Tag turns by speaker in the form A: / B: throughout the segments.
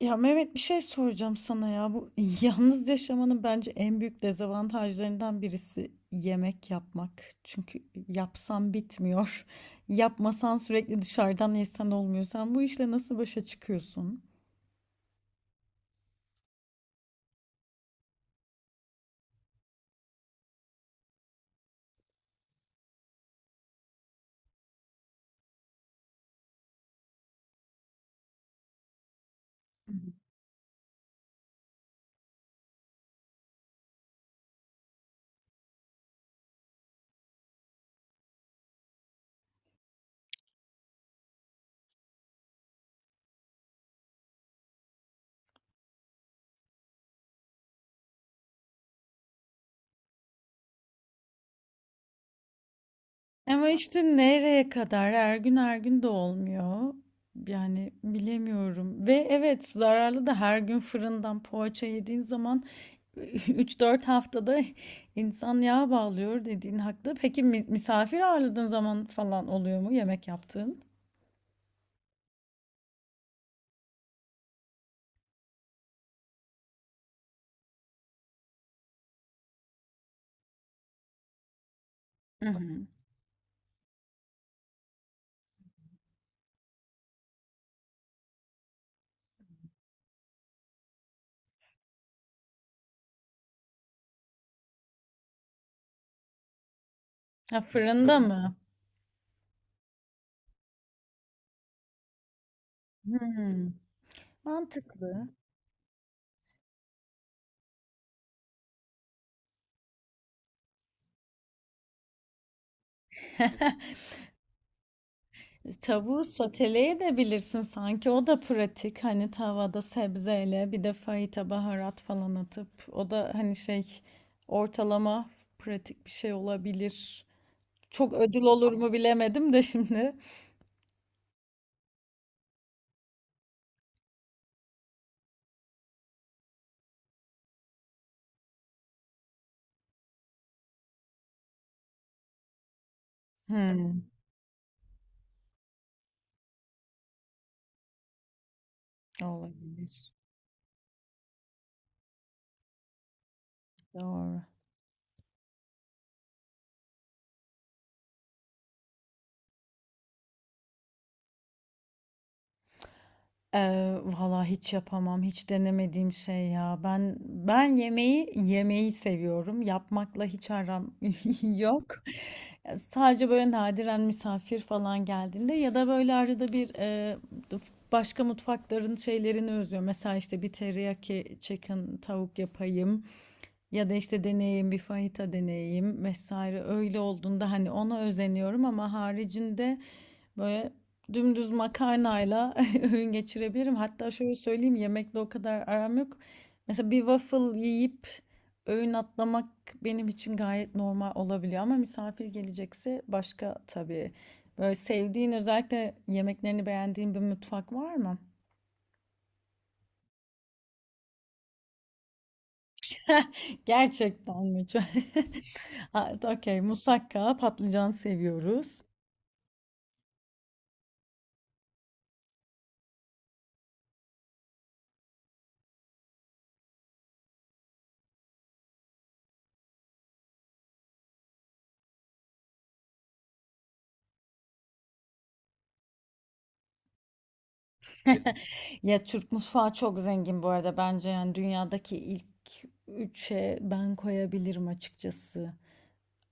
A: Ya Mehmet bir şey soracağım sana ya. Bu yalnız yaşamanın bence en büyük dezavantajlarından birisi yemek yapmak. Çünkü yapsan bitmiyor. Yapmasan sürekli dışarıdan yesen olmuyor. Sen bu işle nasıl başa çıkıyorsun? Ama işte nereye kadar her gün her gün de olmuyor. Yani bilemiyorum. Ve evet, zararlı da her gün fırından poğaça yediğin zaman üç dört haftada insan yağ bağlıyor dediğin haklı. Peki misafir ağırladığın zaman falan oluyor mu yemek yaptığın? Hı hı. Ha, fırında mı? Hmm. Mantıklı. Tavuğu soteleyebilirsin sanki, o da pratik, hani tavada sebzeyle bir de fajita baharat falan atıp, o da hani şey, ortalama pratik bir şey olabilir. Çok ödül olur mu bilemedim de şimdi. Hmm, olabilir. Doğru. Valla hiç yapamam. Hiç denemediğim şey ya. Ben yemeği yemeyi seviyorum. Yapmakla hiç aram yok. Ya sadece böyle nadiren misafir falan geldiğinde ya da böyle arada bir başka mutfakların şeylerini özlüyorum. Mesela işte bir teriyaki chicken tavuk yapayım. Ya da işte deneyeyim, bir fajita deneyeyim vesaire. Öyle olduğunda hani ona özeniyorum ama haricinde böyle dümdüz makarnayla öğün geçirebilirim. Hatta şöyle söyleyeyim, yemekle o kadar aram yok. Mesela bir waffle yiyip öğün atlamak benim için gayet normal olabiliyor ama misafir gelecekse başka tabii. Böyle sevdiğin, özellikle yemeklerini beğendiğin bir mutfak var mı? Gerçekten mi? Ha, okey, musakka, patlıcan seviyoruz. Ya Türk mutfağı çok zengin bu arada, bence yani dünyadaki ilk üçe ben koyabilirim açıkçası.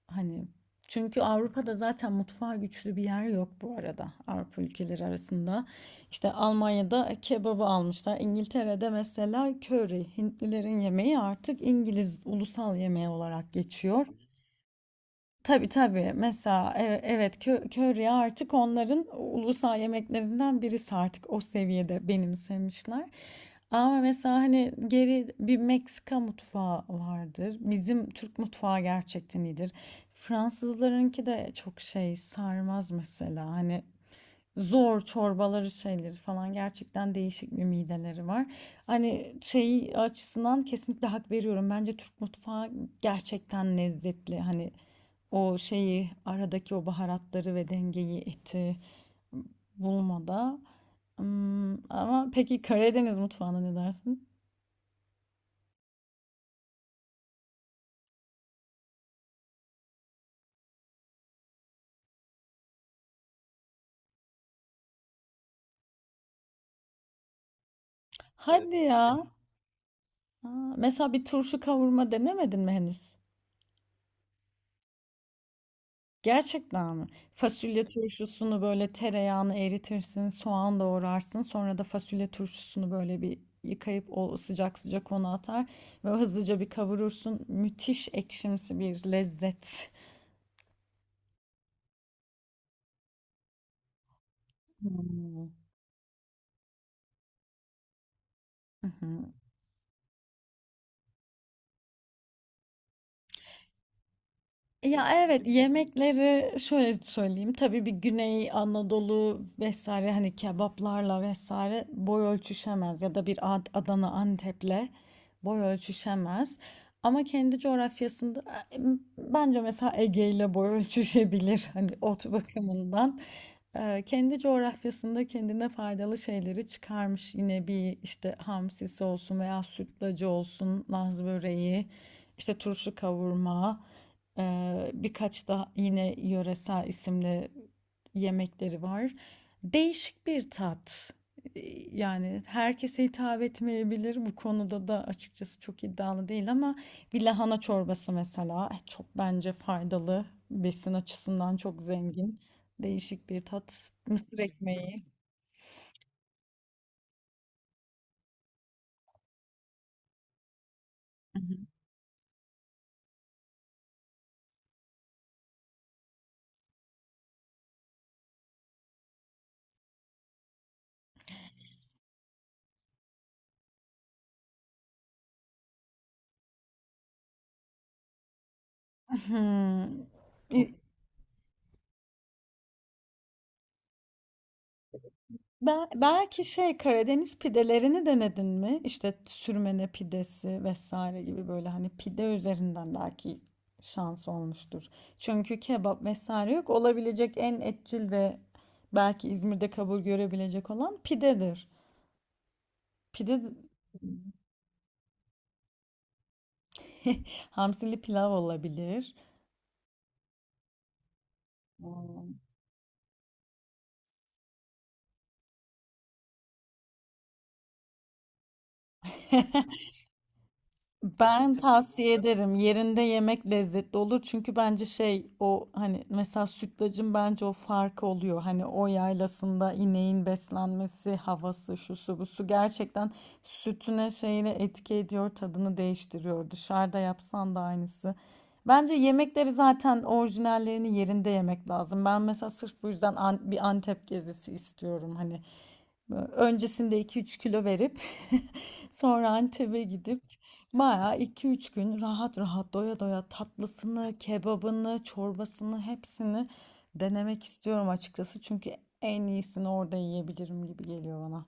A: Hani çünkü Avrupa'da zaten mutfağa güçlü bir yer yok bu arada, Avrupa ülkeleri arasında. İşte Almanya'da kebabı almışlar. İngiltere'de mesela köri, Hintlilerin yemeği artık İngiliz ulusal yemeği olarak geçiyor. Tabii, tabii. Mesela, evet, köri artık onların ulusal yemeklerinden birisi, artık o seviyede benimsemişler. Ama mesela, hani, geri bir Meksika mutfağı vardır. Bizim Türk mutfağı gerçekten iyidir. Fransızlarınki de çok şey sarmaz mesela, hani zor çorbaları şeyleri falan, gerçekten değişik bir mideleri var. Hani şey açısından kesinlikle hak veriyorum. Bence Türk mutfağı gerçekten lezzetli. Hani o şeyi, aradaki o baharatları ve dengeyi, eti bulmada. Hmm, ama peki Karadeniz mutfağına ne dersin? Evet. Hadi ya. Aa, mesela bir turşu kavurma denemedin mi henüz? Gerçekten mi? Fasulye turşusunu böyle, tereyağını eritirsin, soğan doğrarsın. Sonra da fasulye turşusunu böyle bir yıkayıp o sıcak sıcak ona atar ve hızlıca bir kavurursun. Müthiş ekşimsi bir lezzet. Hmm. Hı hı. Ya evet, yemekleri şöyle söyleyeyim. Tabii bir Güney Anadolu vesaire hani kebaplarla vesaire boy ölçüşemez ya da bir Adana Antep'le boy ölçüşemez. Ama kendi coğrafyasında e, bence mesela Ege ile boy ölçüşebilir hani ot bakımından. Kendi coğrafyasında kendine faydalı şeyleri çıkarmış. Yine bir işte hamsisi olsun veya sütlacı olsun, Laz böreği, işte turşu kavurma. Birkaç da yine yöresel isimli yemekleri var. Değişik bir tat. Ee, Yani herkese hitap etmeyebilir. Bu konuda da açıkçası çok iddialı değil ama bir lahana çorbası mesela çok bence faydalı. Besin açısından çok zengin. Değişik bir tat. Mısır ekmeği. Hı hı. Hı. Belki şey Karadeniz pidelerini denedin mi? İşte sürmene pidesi vesaire gibi, böyle hani pide üzerinden belki şans olmuştur. Çünkü kebap vesaire yok. Olabilecek en etçil ve belki İzmir'de kabul görebilecek olan pidedir. Pide hamsili pilav olabilir. Ben tavsiye ederim. Yerinde yemek lezzetli olur. Çünkü bence şey, o hani mesela sütlacın bence o farkı oluyor. Hani o yaylasında ineğin beslenmesi, havası, şusu busu gerçekten sütüne şeyine etki ediyor, tadını değiştiriyor. Dışarıda yapsan da aynısı. Bence yemekleri zaten orijinallerini yerinde yemek lazım. Ben mesela sırf bu yüzden bir Antep gezisi istiyorum hani. Öncesinde iki üç kilo verip sonra Antep'e gidip bayağı iki üç gün rahat rahat doya doya tatlısını, kebabını, çorbasını hepsini denemek istiyorum açıkçası. Çünkü en iyisini orada yiyebilirim gibi geliyor bana.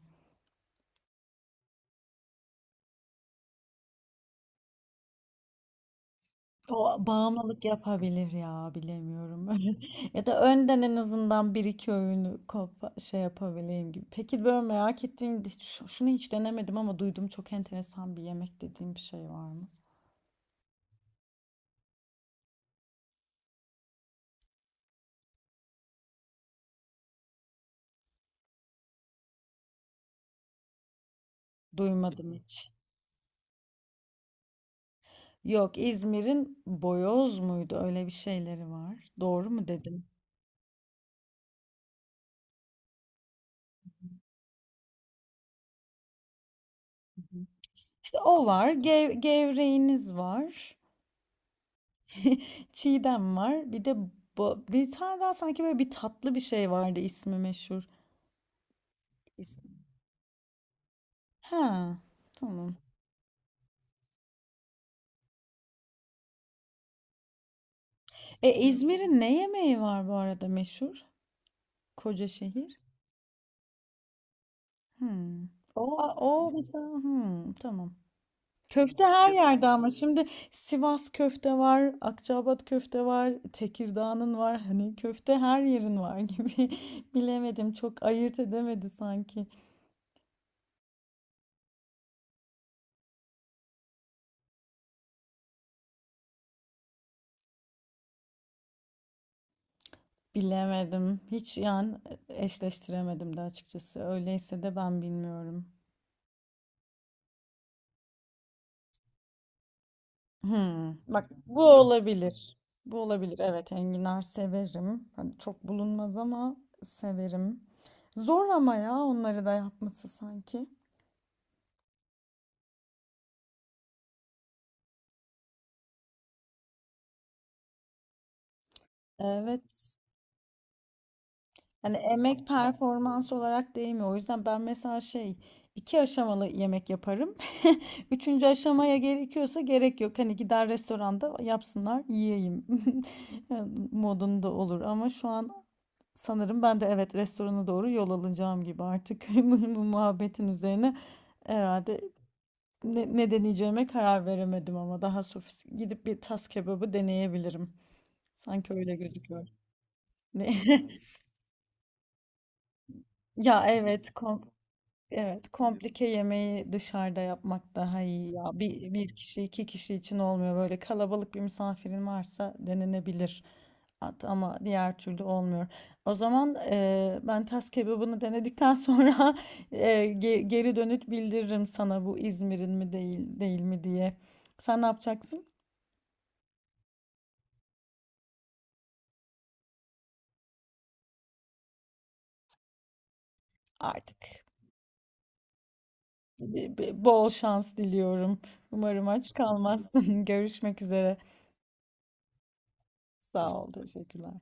A: O bağımlılık yapabilir ya, bilemiyorum. Ya da önden en azından bir iki öğünü şey yapabileyim gibi. Peki böyle merak ettiğin, şunu hiç denemedim ama duydum, çok enteresan bir yemek dediğim bir şey var mı? Duymadım hiç. Yok, İzmir'in Boyoz muydu? Öyle bir şeyleri var. Doğru mu dedim? Hı hı. İşte o var. Gevreğiniz var. Çiğdem var. Bir de bir tane daha sanki, böyle bir tatlı bir şey vardı, ismi meşhur. İsmi. Ha, tamam. E, İzmir'in ne yemeği var bu arada meşhur? Koca şehir. Hmm. O, o mesela, hmm, tamam. Köfte her yerde ama şimdi Sivas köfte var, Akçaabat köfte var, Tekirdağ'ın var. Hani köfte her yerin var gibi. Bilemedim, çok ayırt edemedi sanki. Bilemedim. Hiç yani eşleştiremedim de açıkçası. Öyleyse de ben bilmiyorum. Hmm. Bak bu olabilir. Bu olabilir. Evet, enginar severim. Hani çok bulunmaz ama severim. Zor ama ya, onları da yapması sanki. Evet. Hani emek performans olarak değmiyor. O yüzden ben mesela şey, iki aşamalı yemek yaparım. Üçüncü aşamaya gerekiyorsa gerek yok. Hani gider restoranda yapsınlar yiyeyim yani modunda olur. Ama şu an sanırım ben de, evet, restorana doğru yol alacağım gibi artık bu muhabbetin üzerine herhalde ne, ne deneyeceğime karar veremedim ama daha sofist gidip bir tas kebabı deneyebilirim. Sanki öyle gözüküyor. Ne? Ya evet, evet, komplike yemeği dışarıda yapmak daha iyi ya. Bir, bir kişi, iki kişi için olmuyor. Böyle kalabalık bir misafirin varsa denenebilir. Ama diğer türlü olmuyor. O zaman ben tas kebabını denedikten sonra geri dönüt bildiririm sana bu İzmir'in mi, değil değil mi diye. Sen ne yapacaksın? Artık bol şans diliyorum. Umarım aç kalmazsın. Görüşmek üzere. Sağ ol, teşekkürler.